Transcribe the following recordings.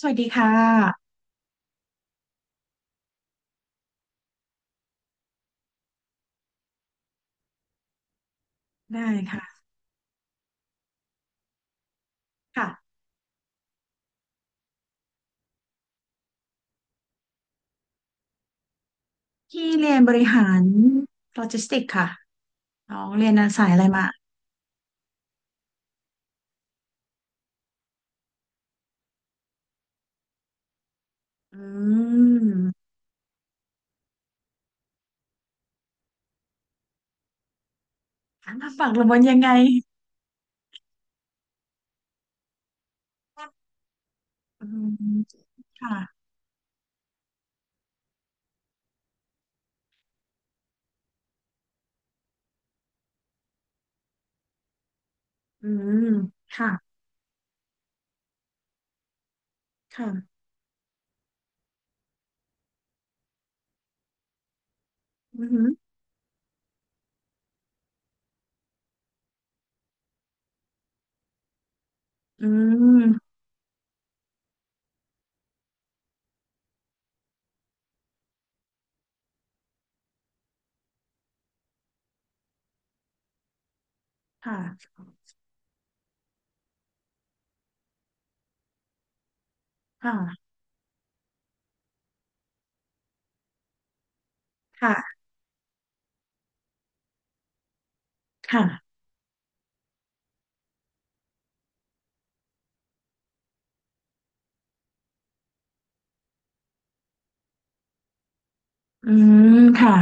สวัสดีค่ะได้ค่ะค่ะพี่เรียนบริหารโลจิสติกส์ค่ะน้องเรียนสายอะไรมาอืมมาฝากระบวนยังไงอืมค่ะอืมค่ะค่ะอืมอือืมค่ะค่ะค่ะค่ะอืมค่ะ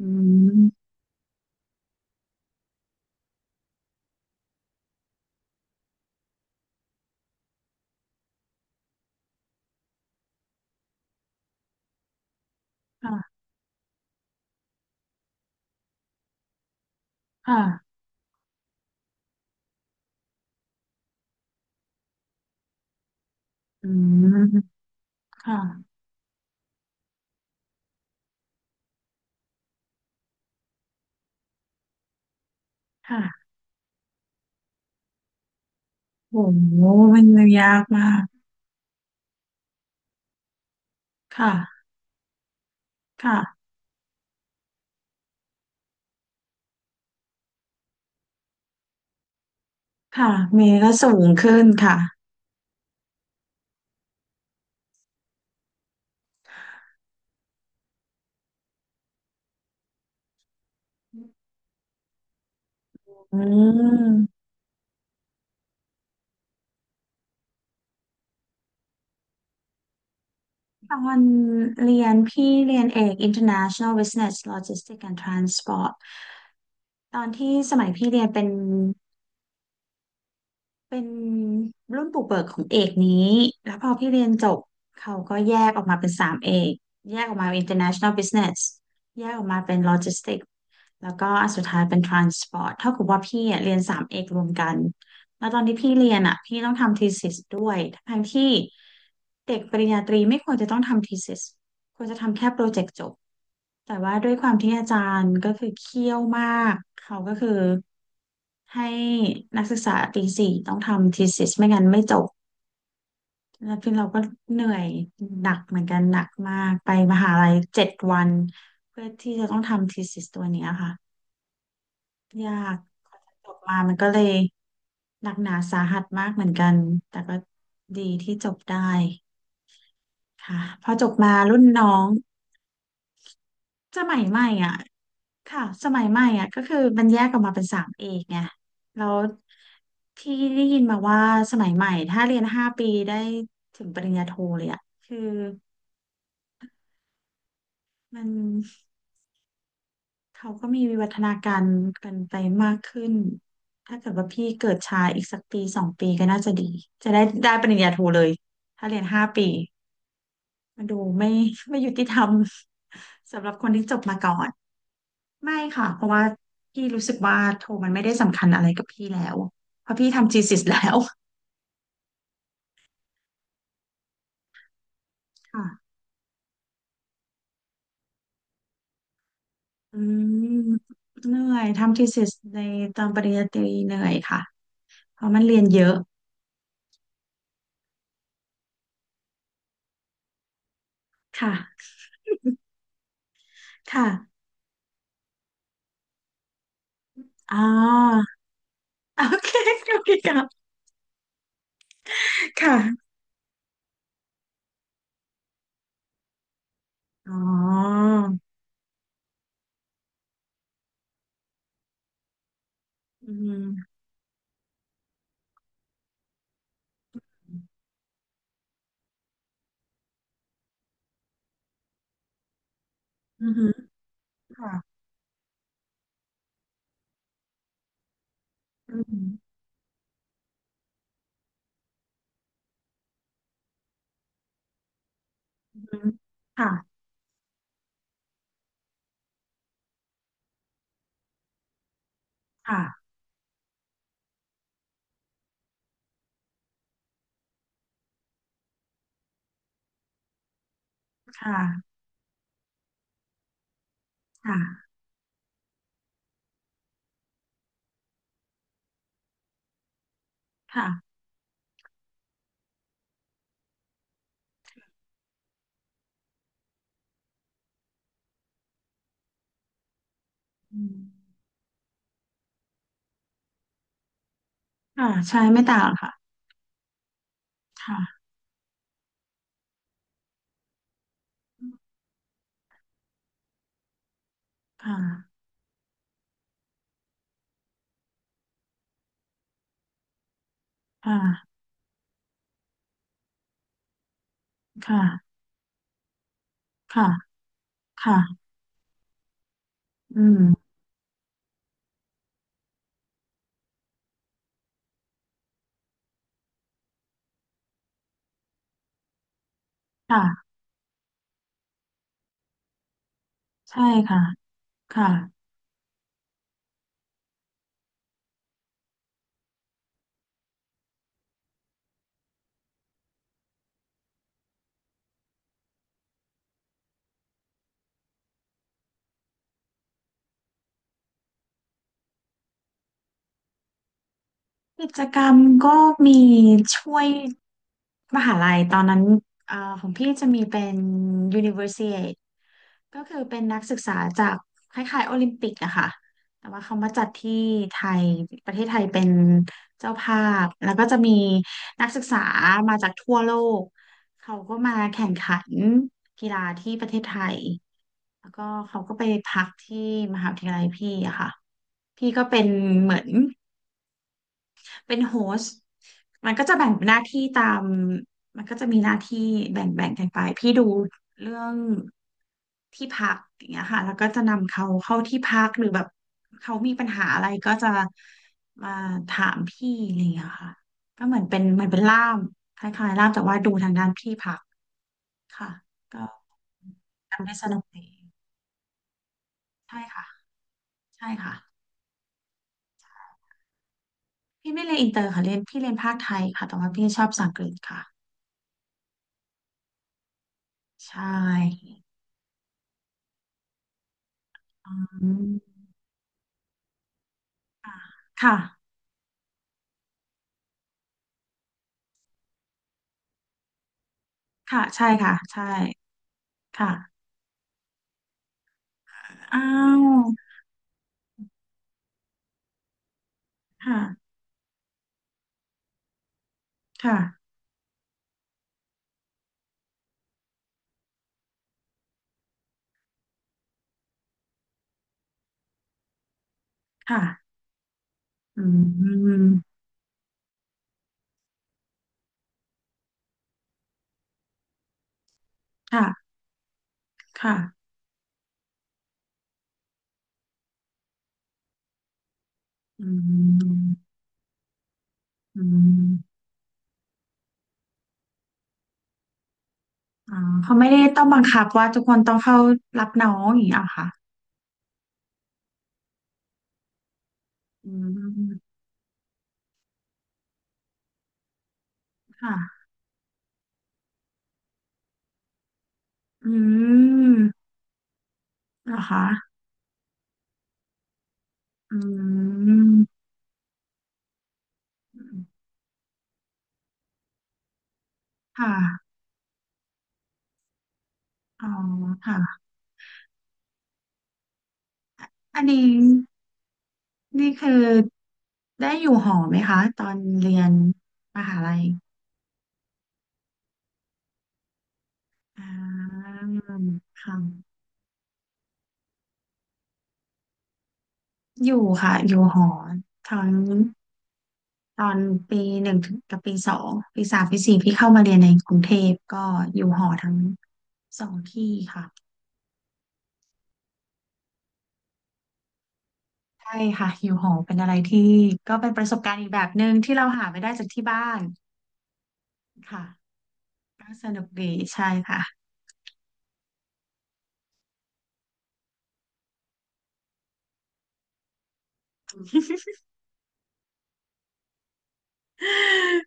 อืมค่ะค่ะอืมค่ะค่ะโหมันยากมากค่ะค่ะค่ะเมย์ก็สูงขึ้นค่ะ อืมตอนเรียนพี่เรียนเอก International Business Logistics and Transport ตอนที่สมัยพี่เรียนเป็น เป็นรุ่นปลูกเบิกของเอกนี้ แล้วพอพี่เรียนจบเขาก็แยกออกมาเป็นสามเอกแยกออกมาเป็น International Business แยกออกมาเป็น Logistics แล้วก็อันสุดท้ายเป็น Transport เท่ากับว่าพี่อะเรียนสามเอกรวมกันแล้วตอนที่พี่เรียนอ่ะพี่ต้องทำ thesis ด้วยทั้งที่เด็กปริญญาตรีไม่ควรจะต้องทำ thesis ควรจะทำแค่โปรเจกต์จบ แต่ว่าด้วยความที่อาจารย์ก็คือเคี่ยวมากเขาก็คือให้นักศึกษาปีสี่ต้องทำ thesis ไม่งั้นไม่จบ แล้วพี่เราก็เหนื่อยหนักเหมือนกันหนักมากไปมหาลัย7 วันเพื่อที่จะต้องทำ thesis ตัวเนี้ยค่ะยากกว่าจะจบมามันก็เลยหนักหนาสาหัสมากเหมือนกันแต่ก็ดีที่จบได้ค่ะพอจบมารุ่นน้องสมัยใหม่อ่ะ ค่ะสมัยใหม่อ่ะก็คือมันแยกออกมาเป็นสามเอกไงแล้วที่ได้ยินมาว่าสมัยใหม่ถ้าเรียนห้าปีได้ถึงปริญญาโทเลยอ่ะคือมันเขาก็มีวิวัฒนาการกันไปมากขึ้นถ้าเกิดว่าพี่เกิดช้าอีกสักปีสองปีก็น่าจะดีจะได้ได้ปริญญาโทเลยถ้าเรียนห้าปีมันดูไม่ไม่ยุติธรรม สำหรับคนที่จบมาก่อน ไม่ค่ะ เพราะว่าพี่รู้สึกว่าโทมันไม่ได้สำคัญอะไรกับพี่แล้ว เพราะพี่ทำ thesis แล้วค่ะอืมเหนื่อยทำ thesis ในตอนปริญญาตรีเหนื่อยค่ะเพราะมันเรียนเยอะค่ะค่ะอ๋อโอเคโอเคครับค่ะอ๋ออืมอืมค่ะอืมอืมค่ะค่ะค่ะค่ะค่ะอืมค่ะใช่ไม่ต่างหรอกค่ะค่ะค่ะค่ะค่ะ ค่ะ อืม ค่ะ ใช่ค่ะ ค่ะกิจกรรมก็มีช่วยมหาลัยตอนนั้นเอ่อของพี่จะมีเป็น Universiade ก็คือเป็นนักศึกษาจากคล้ายๆโอลิมปิกอะค่ะ แต่ว่าเขามาจัดที่ไทย ประเทศไทยเป็นเจ้าภาพ แล้วก็จะมีนักศึกษามาจากทั่วโลกเขาก็มาแข่งขันกีฬาที่ประเทศไทย แล้วก็เขาก็ไปพักที่มหาวิทยาลัยพี่อะค่ะพี่ก็เป็นเหมือนเป็นโฮสต์มันก็จะแบ่งหน้าที่ตามมันก็จะมีหน้าที่แบ่งกันไปพี่ดูเรื่องที่พักอย่างเงี้ยค่ะแล้วก็จะนำเขาเข้าที่พักหรือแบบเขามีปัญหาอะไรก็จะมาถามพี่อะไรอย่างเงี้ยค่ะก็เหมือนเป็นล่ามคล้ายๆล่ามแต่ว่าดูทางด้านที่พักค่ะก็ทำได้สนุกดีใช่ค่ะใช่ค่ะ พี่ไม่เรียนอินเตอร์ค่ะเรียนพี่เรียนภาคไทยค่ะแต่ว่าพี่ชอบภาษาอังกฤษค่ะใช่อืมค่ะค่ะใช่ค่ะใช่ค่ะอ้าวค่ะค่ะค่ะอืมค่ะค่ะอืมอืมอ๋อเขาไม่ได้ต้องบังคับว่าทุกคนต้องเข้ารับน้องอย่างนี้เหรอค่ะอืมค่ะอืมเหรอคะอืมค่ะอ๋อค่ะอันนี้ นี่คือได้อยู่หอไหมคะตอนเรียนมหาลัยอ่าค่ะอยู่ค่ะอยู่หอตอนตอนปีหนึ่งถึงกับปีสองปีสามปีสี่พี่เข้ามาเรียนในกรุงเทพก็อยู่หอทั้งสองที่ค่ะใช่ค่ะอยู่หอเป็นอะไรที่ก็เป็นประสบการณ์อีกแบบหนึ่งที่เราหาไม่ได้จากที่บ้านค่ะก็สนุกดีใช่ค่ะ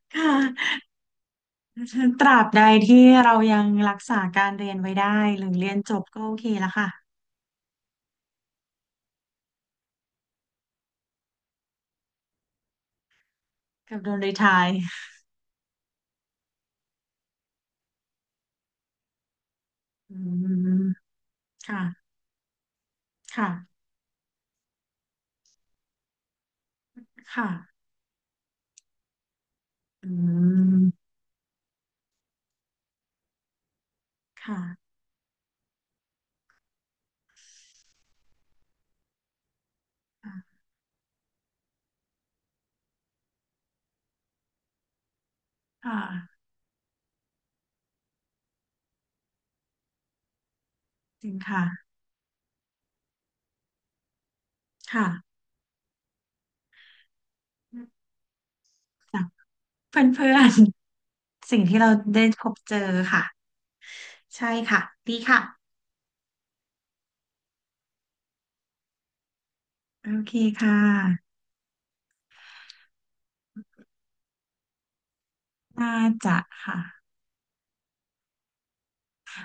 ค่ะ ตราบใดที่เรายังรักษาการเรียนไว้ได้หรือเรียนจบก็โอเคแล้วค่ะกับโดนรีไทร์อืมค่ะค่ะค่ะอืมค่ะค่ะจริงค่ะค่ะจากเพื่อนๆสิ่งที่เราได้พบเจอค่ะใช่ค่ะดีค่ะโอเคค่ะน่าจะค่ะ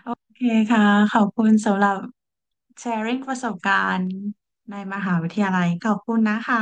โอเคค่ะขอบคุณสำหรับ sharing ประสบการณ์ในมหาวิทยาลัยขอบคุณนะคะ